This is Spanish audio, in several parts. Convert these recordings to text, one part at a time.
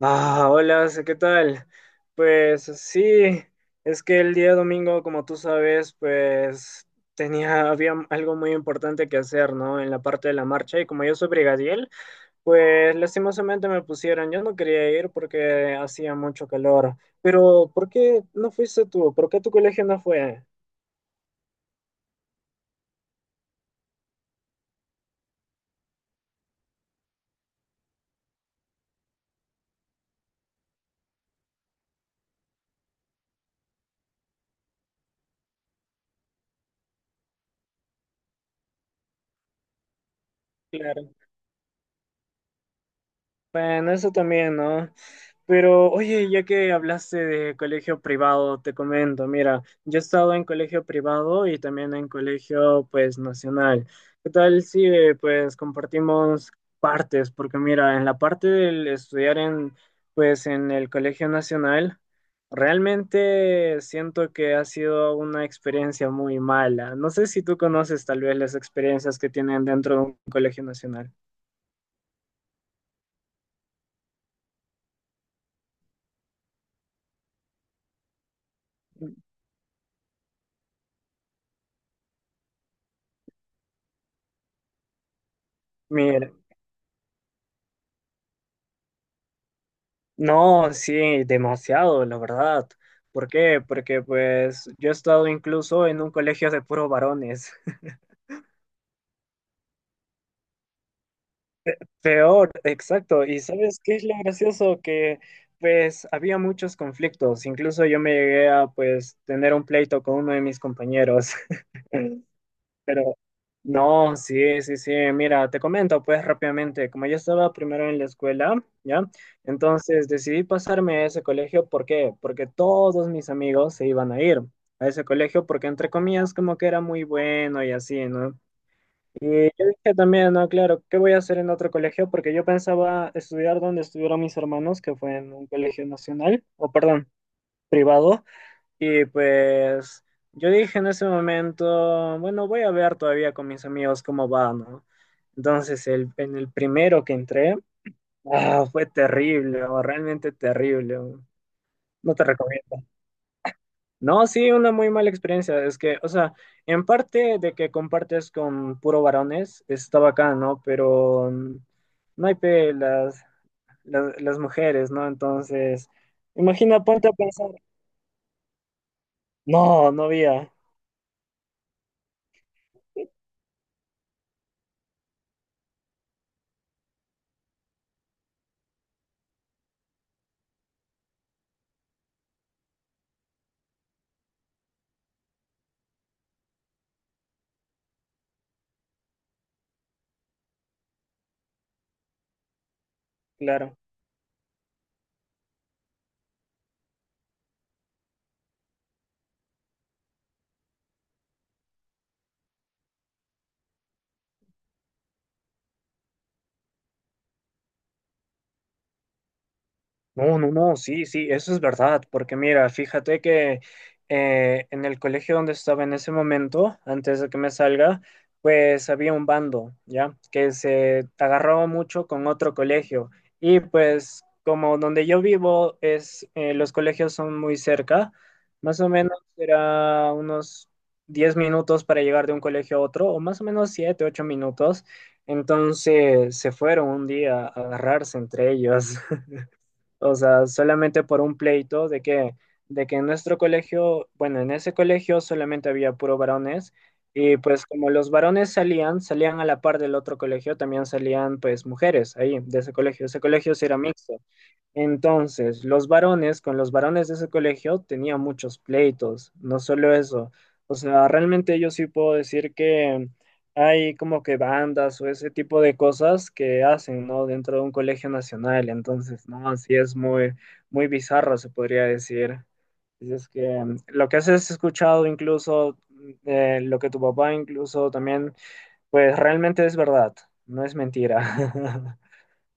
Ah, hola, ¿qué tal? Pues sí, es que el día domingo, como tú sabes, pues había algo muy importante que hacer, ¿no? En la parte de la marcha, y como yo soy brigadier, pues lastimosamente me pusieron. Yo no quería ir porque hacía mucho calor. Pero, ¿por qué no fuiste tú? ¿Por qué tu colegio no fue? Claro. Bueno, eso también, ¿no? Pero oye, ya que hablaste de colegio privado, te comento, mira, yo he estado en colegio privado y también en colegio, pues, nacional. ¿Qué tal si, pues, compartimos partes? Porque mira, en la parte del estudiar en, pues, en el colegio nacional, realmente siento que ha sido una experiencia muy mala. No sé si tú conoces tal vez las experiencias que tienen dentro de un colegio nacional. Mira. No, sí, demasiado, la verdad. ¿Por qué? Porque pues yo he estado incluso en un colegio de puros varones. Peor, exacto. ¿Y sabes qué es lo gracioso? Que pues había muchos conflictos. Incluso yo me llegué a pues tener un pleito con uno de mis compañeros. Pero no, sí, sí, sí. Mira, te comento pues rápidamente, como yo estaba primero en la escuela, ¿ya? Entonces decidí pasarme a ese colegio, ¿por qué? Porque todos mis amigos se iban a ir a ese colegio porque entre comillas como que era muy bueno y así, ¿no? Y yo dije también, no, claro, ¿qué voy a hacer en otro colegio? Porque yo pensaba estudiar donde estuvieron mis hermanos, que fue en un colegio nacional, o perdón, privado. Y pues yo dije en ese momento, bueno, voy a ver todavía con mis amigos cómo va, ¿no? Entonces, en el primero que entré, fue terrible, o realmente terrible. No te recomiendo. No, sí, una muy mala experiencia. Es que, o sea, en parte de que compartes con puro varones, está bacán, ¿no? Pero no hay pe las mujeres, ¿no? Entonces, imagina, ponte a pensar. No, no había. Claro. No, no, no, sí, sí, eso es verdad, porque mira, fíjate que en el colegio donde estaba en ese momento, antes de que me salga, pues había un bando, ¿ya? Que se agarraba mucho con otro colegio. Y pues como donde yo vivo es, los colegios son muy cerca, más o menos era unos 10 minutos para llegar de un colegio a otro, o más o menos 7, 8 minutos. Entonces se fueron un día a agarrarse entre ellos. O sea, solamente por un pleito de que en nuestro colegio, bueno, en ese colegio solamente había puro varones y pues como los varones salían, salían a la par del otro colegio, también salían pues mujeres ahí de ese colegio. Ese colegio sí era mixto. Entonces, los varones con los varones de ese colegio tenían muchos pleitos, no solo eso. O sea, realmente yo sí puedo decir que hay como que bandas o ese tipo de cosas que hacen, ¿no? Dentro de un colegio nacional. Entonces, ¿no? Así es muy, muy bizarro, se podría decir. Así es que lo que has escuchado incluso, lo que tu papá incluso también, pues realmente es verdad, no es mentira.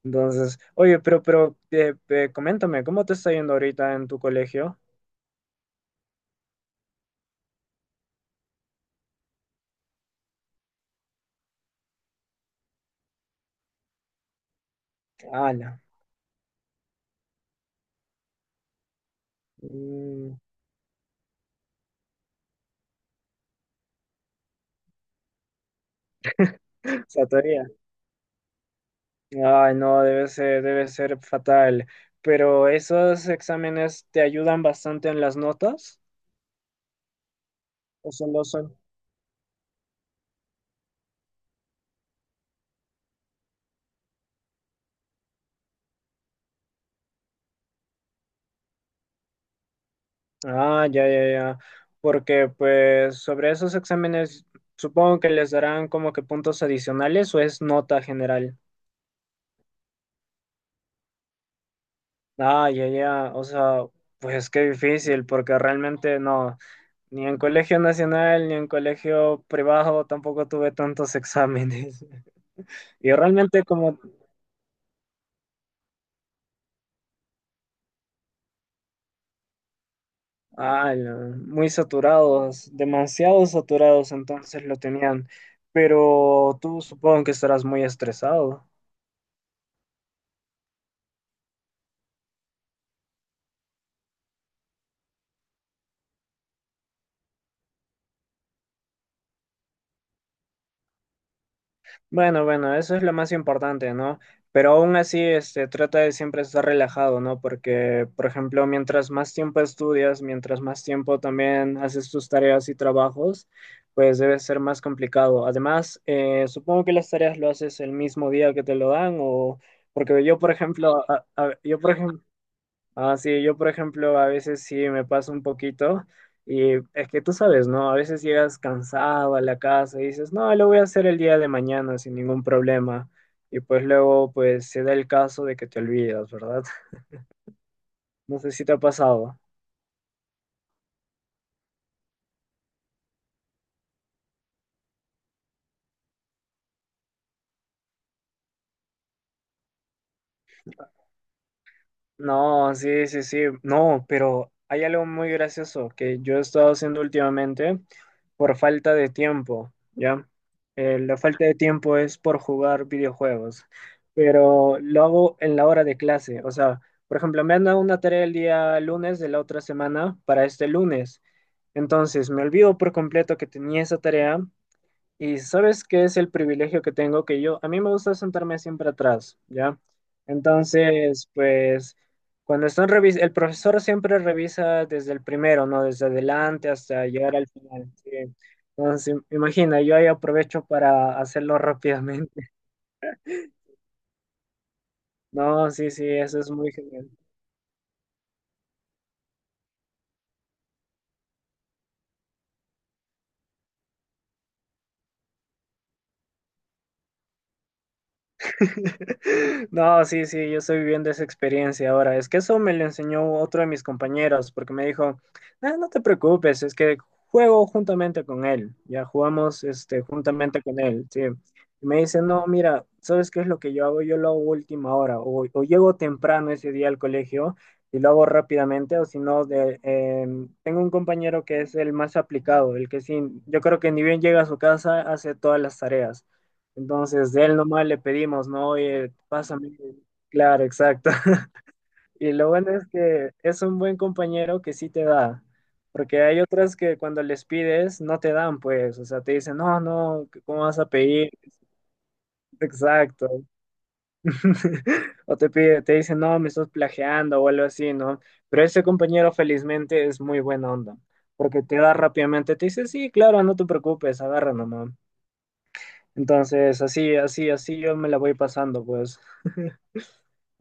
Entonces, oye, pero coméntame, ¿cómo te está yendo ahorita en tu colegio? ¡Hala! Mm, Satoría. Ay, no, debe ser fatal. Pero esos exámenes te ayudan bastante en las notas, o solo son. Ah, ya, ya, ya. Porque, pues, sobre esos exámenes, supongo que les darán como que puntos adicionales o es nota general. Ah, ya, ya. O sea, pues qué difícil, porque realmente no. Ni en colegio nacional, ni en colegio privado tampoco tuve tantos exámenes. Y realmente como, Ah, muy saturados, demasiado saturados, entonces lo tenían. Pero tú supongo que estarás muy estresado. Bueno, bueno, eso es lo más importante, ¿no? Pero aún así, este, trata de siempre estar relajado, ¿no? Porque, por ejemplo, mientras más tiempo estudias, mientras más tiempo también haces tus tareas y trabajos, pues debe ser más complicado. Además, supongo que las tareas lo haces el mismo día que te lo dan o... Porque yo, por ejemplo, por ejemplo, ah, sí, yo por ejemplo a veces sí me pasa un poquito y es que tú sabes, ¿no? A veces llegas cansado a la casa y dices, no, lo voy a hacer el día de mañana sin ningún problema y pues luego pues se da el caso de que te olvidas, ¿verdad? No sé si te ha pasado. No, sí, sí, sí. No, pero hay algo muy gracioso que yo he estado haciendo últimamente por falta de tiempo, ¿ya? La falta de tiempo es por jugar videojuegos, pero lo hago en la hora de clase. O sea, por ejemplo, me han dado una tarea el día lunes de la otra semana para este lunes. Entonces, me olvido por completo que tenía esa tarea y sabes qué es el privilegio que tengo, que yo, a mí me gusta sentarme siempre atrás, ¿ya? Entonces, pues, cuando están revis el profesor siempre revisa desde el primero, ¿no? Desde adelante hasta llegar al final, sí. Entonces, imagina, yo ahí aprovecho para hacerlo rápidamente. No, sí, sí, eso es muy genial. No, sí, sí, yo estoy viviendo esa experiencia ahora. Es que eso me lo enseñó otro de mis compañeros, porque me dijo, "Ah, no te preocupes, es que juego juntamente con él. Ya jugamos este, juntamente con él, sí. Y me dice, no, mira, ¿sabes qué es lo que yo hago? Yo lo hago a última hora, o llego temprano ese día al colegio y lo hago rápidamente, o si no, tengo un compañero que es el más aplicado, el que sí, yo creo que ni bien llega a su casa, hace todas las tareas. Entonces, de él nomás le pedimos, ¿no? Oye, pásame. Claro, exacto. Y lo bueno es que es un buen compañero que sí te da, porque hay otras que cuando les pides no te dan, pues, o sea, te dicen, no, no, ¿cómo vas a pedir? Exacto. O te pide, te dicen, no, me estás plagiando o algo así, ¿no? Pero ese compañero felizmente es muy buena onda, porque te da rápidamente, te dice, sí, claro, no te preocupes, agarra nomás. Entonces, así, así, así yo me la voy pasando, pues.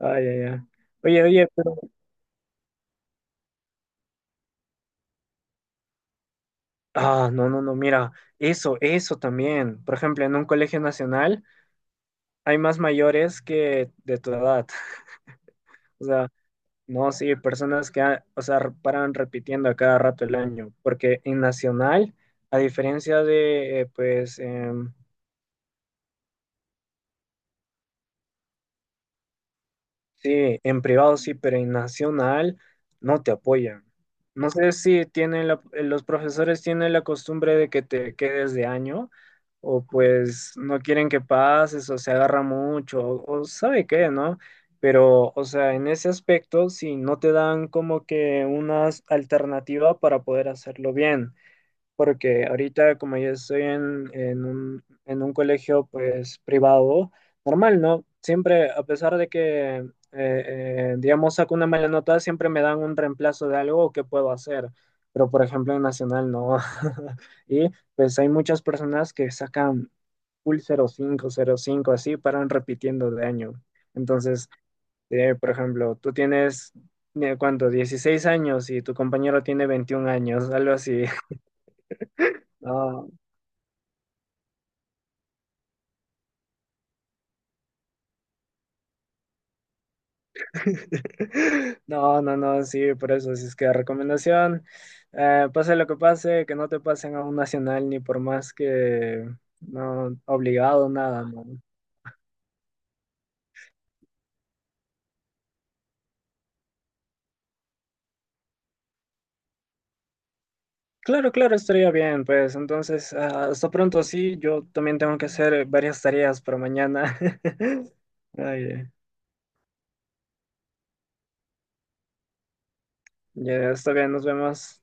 Ah, ya, ya. Oye, oye, pero... Ah, no, no, no, mira, eso también. Por ejemplo, en un colegio nacional hay más mayores que de tu edad. O sea, no, sí, personas que o sea, paran repitiendo a cada rato el año. Porque en nacional, a diferencia de, sí, en privado sí, pero en nacional no te apoyan. No sé si tienen los profesores tienen la costumbre de que te quedes de año o pues no quieren que pases o se agarra mucho o sabe qué, ¿no? Pero, o sea, en ese aspecto, si no te dan como que una alternativa para poder hacerlo bien porque ahorita como yo estoy en, en un colegio pues privado, normal, ¿no? Siempre, a pesar de que, digamos, saco una mala nota, siempre me dan un reemplazo de algo que puedo hacer, pero por ejemplo en Nacional no. Y pues hay muchas personas que sacan full cero cinco cero cinco, así, paran repitiendo de año. Entonces, por ejemplo, tú tienes... ¿Cuánto? 16 años y tu compañero tiene 21 años, algo así. No, no, no, no, sí, por eso, si es que recomendación, pase lo que pase, que no te pasen a un nacional ni por más que no obligado, nada, no. Claro, claro, estaría bien, pues entonces, ah, hasta pronto, sí, yo también tengo que hacer varias tareas para mañana. Ay, ya está bien, nos vemos.